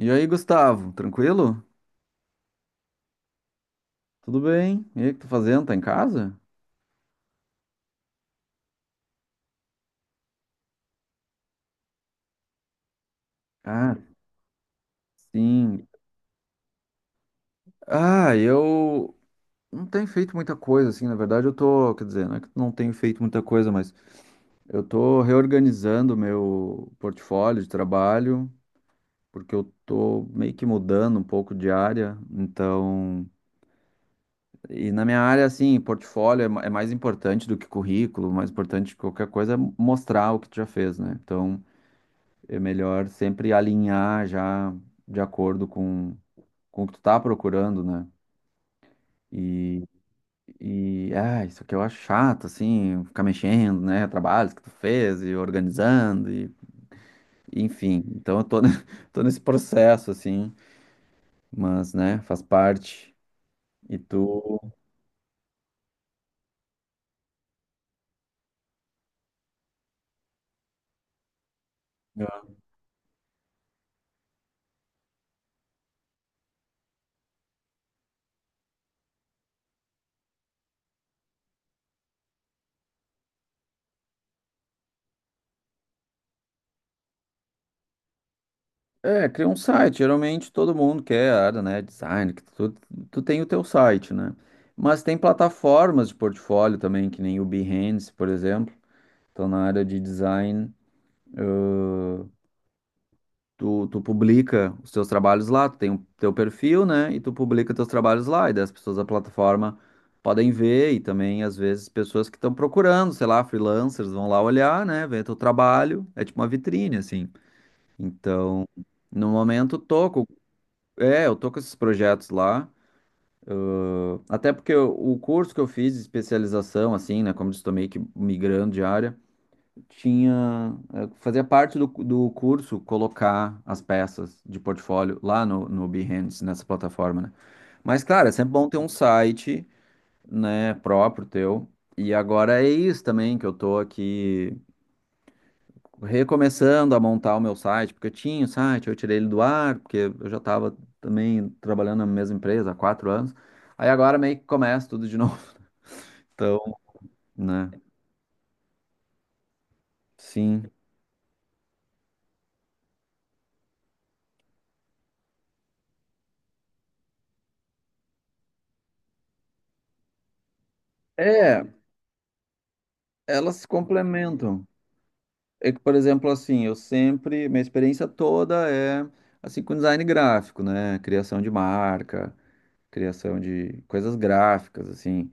E aí, Gustavo, tranquilo? Tudo bem? E aí, o que tá fazendo? Tá em casa? Ah, sim. Ah, eu não tenho feito muita coisa, assim, na verdade eu tô, quer dizer, não é que não tenho feito muita coisa, mas eu tô reorganizando meu portfólio de trabalho, porque eu tô meio que mudando um pouco de área, então, e na minha área, assim, portfólio é mais importante do que currículo, mais importante que qualquer coisa é mostrar o que tu já fez, né? Então, é melhor sempre alinhar já de acordo com o que tu tá procurando, né? E, isso que eu acho chato, assim, ficar mexendo, né? Trabalhos que tu fez e organizando, e, enfim. Então tô nesse processo, assim, mas, né, faz parte. E tu. É, cria um site. Geralmente todo mundo quer a área, né? Design, que tu tem o teu site, né? Mas tem plataformas de portfólio também, que nem o Behance, por exemplo. Então, na área de design, eh, tu publica os teus trabalhos lá, tu tem o teu perfil, né? E tu publica teus trabalhos lá, e daí as pessoas da plataforma podem ver, e também, às vezes, pessoas que estão procurando, sei lá, freelancers vão lá olhar, né? Ver teu trabalho, é tipo uma vitrine, assim. Então, no momento, é, eu tô com esses projetos lá, até porque o curso que eu fiz de especialização, assim, né, como eu disse, tô meio que migrando de área, tinha, fazia parte do curso colocar as peças de portfólio lá no Behance, nessa plataforma, né? Mas, claro, é sempre bom ter um site, né, próprio teu. E agora é isso também que eu tô aqui recomeçando a montar o meu site, porque eu tinha o site, eu tirei ele do ar, porque eu já estava também trabalhando na mesma empresa há 4 anos. Aí agora meio que começa tudo de novo. Então, né? Sim. É, elas se complementam. É que, por exemplo, assim, eu sempre, minha experiência toda é assim com design gráfico, né? Criação de marca, criação de coisas gráficas, assim.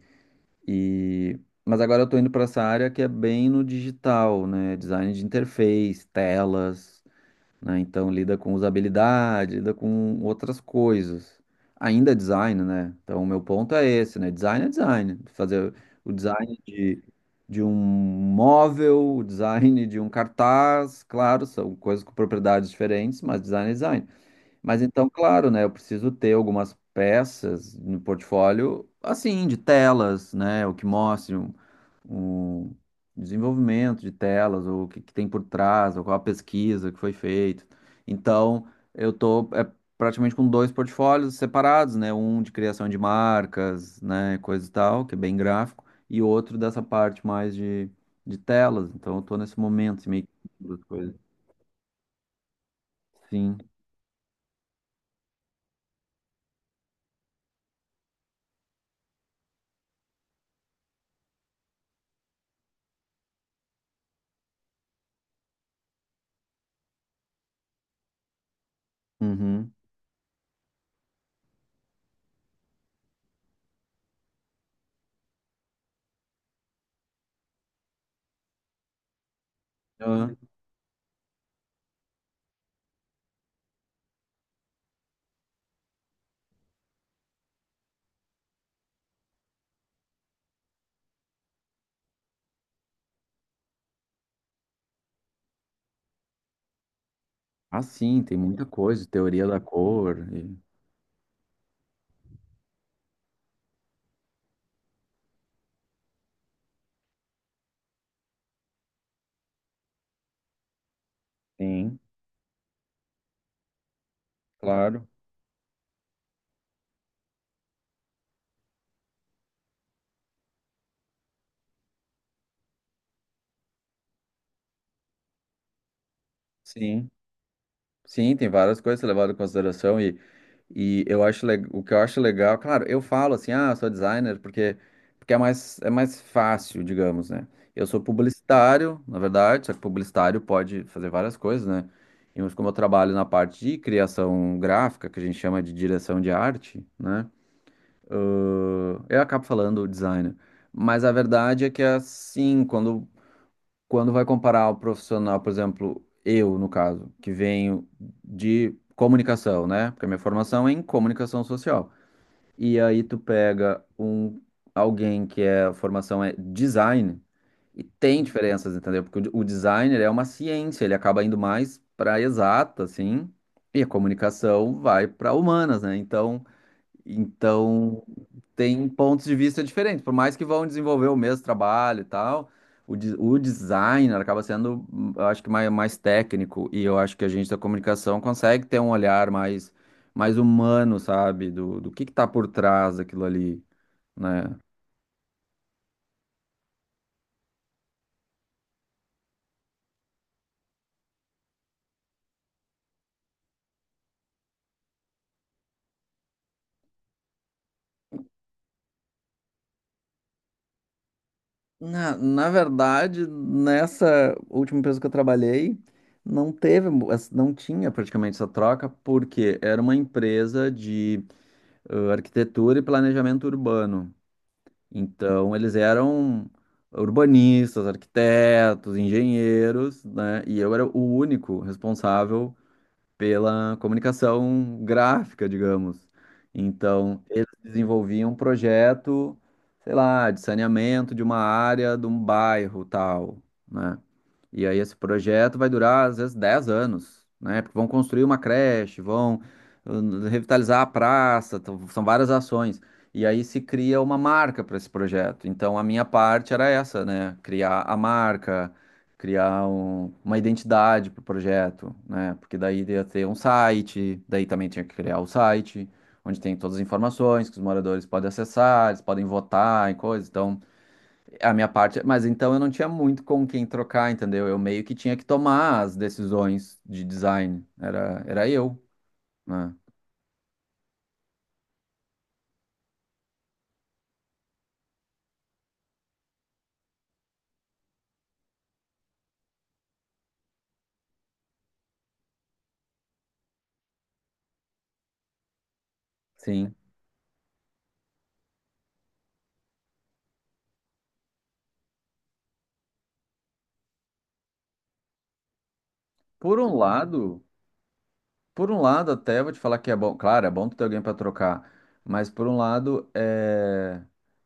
E mas agora eu tô indo para essa área que é bem no digital, né? Design de interface, telas, né? Então lida com usabilidade, lida com outras coisas. Ainda é design, né? Então o meu ponto é esse, né? Design é design. Fazer o design de um móvel, o design de um cartaz, claro, são coisas com propriedades diferentes, mas design é design. Mas então, claro, né? Eu preciso ter algumas peças no portfólio, assim, de telas, né? O que mostre. Um desenvolvimento de telas, ou que tem por trás, ou qual a pesquisa que foi feita. Então, eu tô é praticamente com dois portfólios separados, né? Um de criação de marcas, né? Coisa e tal, que é bem gráfico, e outro dessa parte mais de telas. Então, eu tô nesse momento, assim, meio que duas coisas. Sim. Uhum. Ah, ah, sim, tem muita coisa, teoria da cor. Sim, claro. Sim. Sim, tem várias coisas a ser levado em consideração e eu o que eu acho legal, claro, eu falo assim, ah, sou designer porque é mais fácil, digamos, né? Eu sou publicitário, na verdade, só que publicitário pode fazer várias coisas, né? E mas como eu trabalho na parte de criação gráfica, que a gente chama de direção de arte, né? Eu acabo falando designer. Mas a verdade é que é assim, quando vai comparar o profissional, por exemplo, eu, no caso, que venho de comunicação, né? Porque a minha formação é em comunicação social. E aí tu pega alguém que é, a formação é design e tem diferenças, entendeu? Porque o designer é uma ciência, ele acaba indo mais para exata, assim, e a comunicação vai para humanas, né? Então, tem pontos de vista diferentes, por mais que vão desenvolver o mesmo trabalho e tal, o designer acaba sendo, eu acho que mais, mais técnico, e eu acho que a gente da comunicação consegue ter um olhar mais, mais humano, sabe, do que tá por trás daquilo ali, né? Na verdade, nessa última empresa que eu trabalhei, não tinha praticamente essa troca, porque era uma empresa de arquitetura e planejamento urbano. Então, eles eram urbanistas, arquitetos, engenheiros, né? E eu era o único responsável pela comunicação gráfica, digamos. Então, eles desenvolviam um projeto, sei lá, de saneamento de uma área, de um bairro, tal, né? E aí esse projeto vai durar, às vezes, 10 anos, né? Porque vão construir uma creche, vão revitalizar a praça, então, são várias ações. E aí se cria uma marca para esse projeto. Então, a minha parte era essa, né? Criar a marca, criar uma identidade para o projeto, né? Porque daí ia ter um site, daí também tinha que criar o site, onde tem todas as informações que os moradores podem acessar, eles podem votar e coisas. Então, a minha parte, mas então eu não tinha muito com quem trocar, entendeu? Eu meio que tinha que tomar as decisões de design, era eu, né? Sim. Por um lado, por um lado, até vou te falar que é bom. Claro, é bom tu ter alguém para trocar, mas por um lado, é,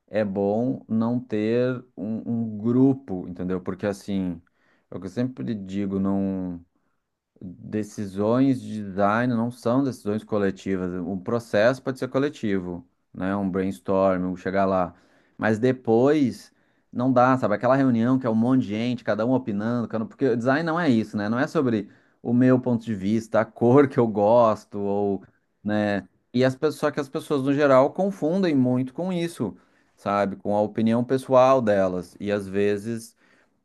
é bom não ter um grupo, entendeu? Porque assim, é o que eu sempre digo, não. Decisões de design não são decisões coletivas. O processo pode ser coletivo, né? Um brainstorm, um chegar lá. Mas depois não dá, sabe? Aquela reunião que é um monte de gente, cada um opinando, porque o design não é isso, né? Não é sobre o meu ponto de vista, a cor que eu gosto, ou, né? E as pessoas, só que as pessoas, no geral, confundem muito com isso, sabe? Com a opinião pessoal delas. E às vezes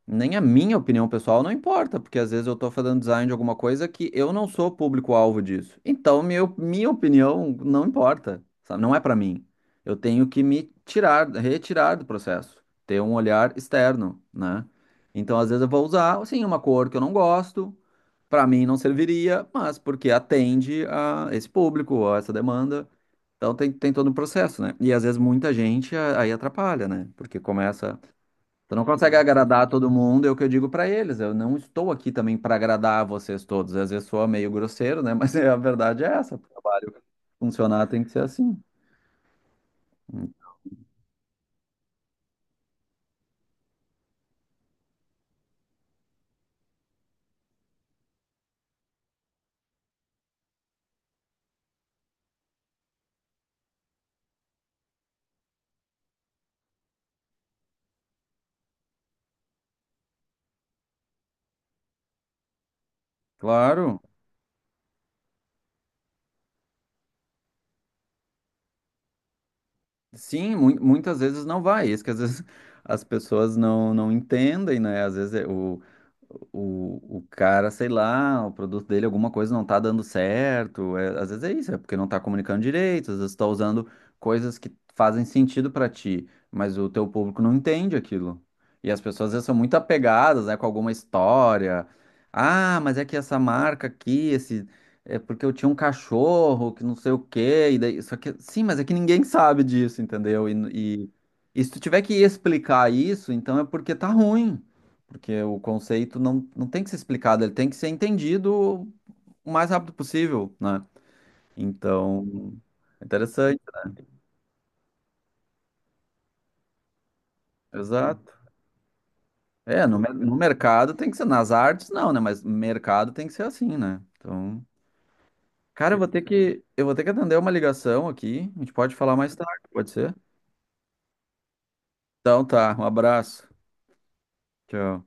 nem a minha opinião pessoal não importa, porque às vezes eu tô fazendo design de alguma coisa que eu não sou público-alvo disso. Então, minha opinião não importa, sabe? Não é pra mim. Eu tenho que me tirar, retirar do processo, ter um olhar externo, né? Então, às vezes eu vou usar, assim, uma cor que eu não gosto, pra mim não serviria, mas porque atende a esse público, a essa demanda. Então, tem todo um processo, né? E às vezes muita gente aí atrapalha, né? Porque começa. Tu não consegue agradar todo mundo, é o que eu digo pra eles. Eu não estou aqui também pra agradar vocês todos. Às vezes soa meio grosseiro, né? Mas é, a verdade é essa. O trabalho funcionar tem que ser assim. Claro. Sim, muitas vezes não vai. Isso que às vezes as pessoas não, não entendem, né? Às vezes é o cara, sei lá, o produto dele, alguma coisa não tá dando certo. É, às vezes é isso, é porque não tá comunicando direito, às vezes tá usando coisas que fazem sentido pra ti, mas o teu público não entende aquilo. E as pessoas às vezes são muito apegadas, né, com alguma história. Ah, mas é que essa marca aqui, esse é porque eu tinha um cachorro que não sei o quê, e daí, só que, sim, mas é que ninguém sabe disso, entendeu? E se tu tiver que explicar isso, então é porque tá ruim, porque o conceito não tem que ser explicado, ele tem que ser entendido o mais rápido possível, né? Então, é interessante, exato. É, no mercado tem que ser, nas artes não, né? Mas mercado tem que ser assim, né? Então, cara, eu vou ter que atender uma ligação aqui, a gente pode falar mais tarde, pode ser? Então tá, um abraço. Tchau.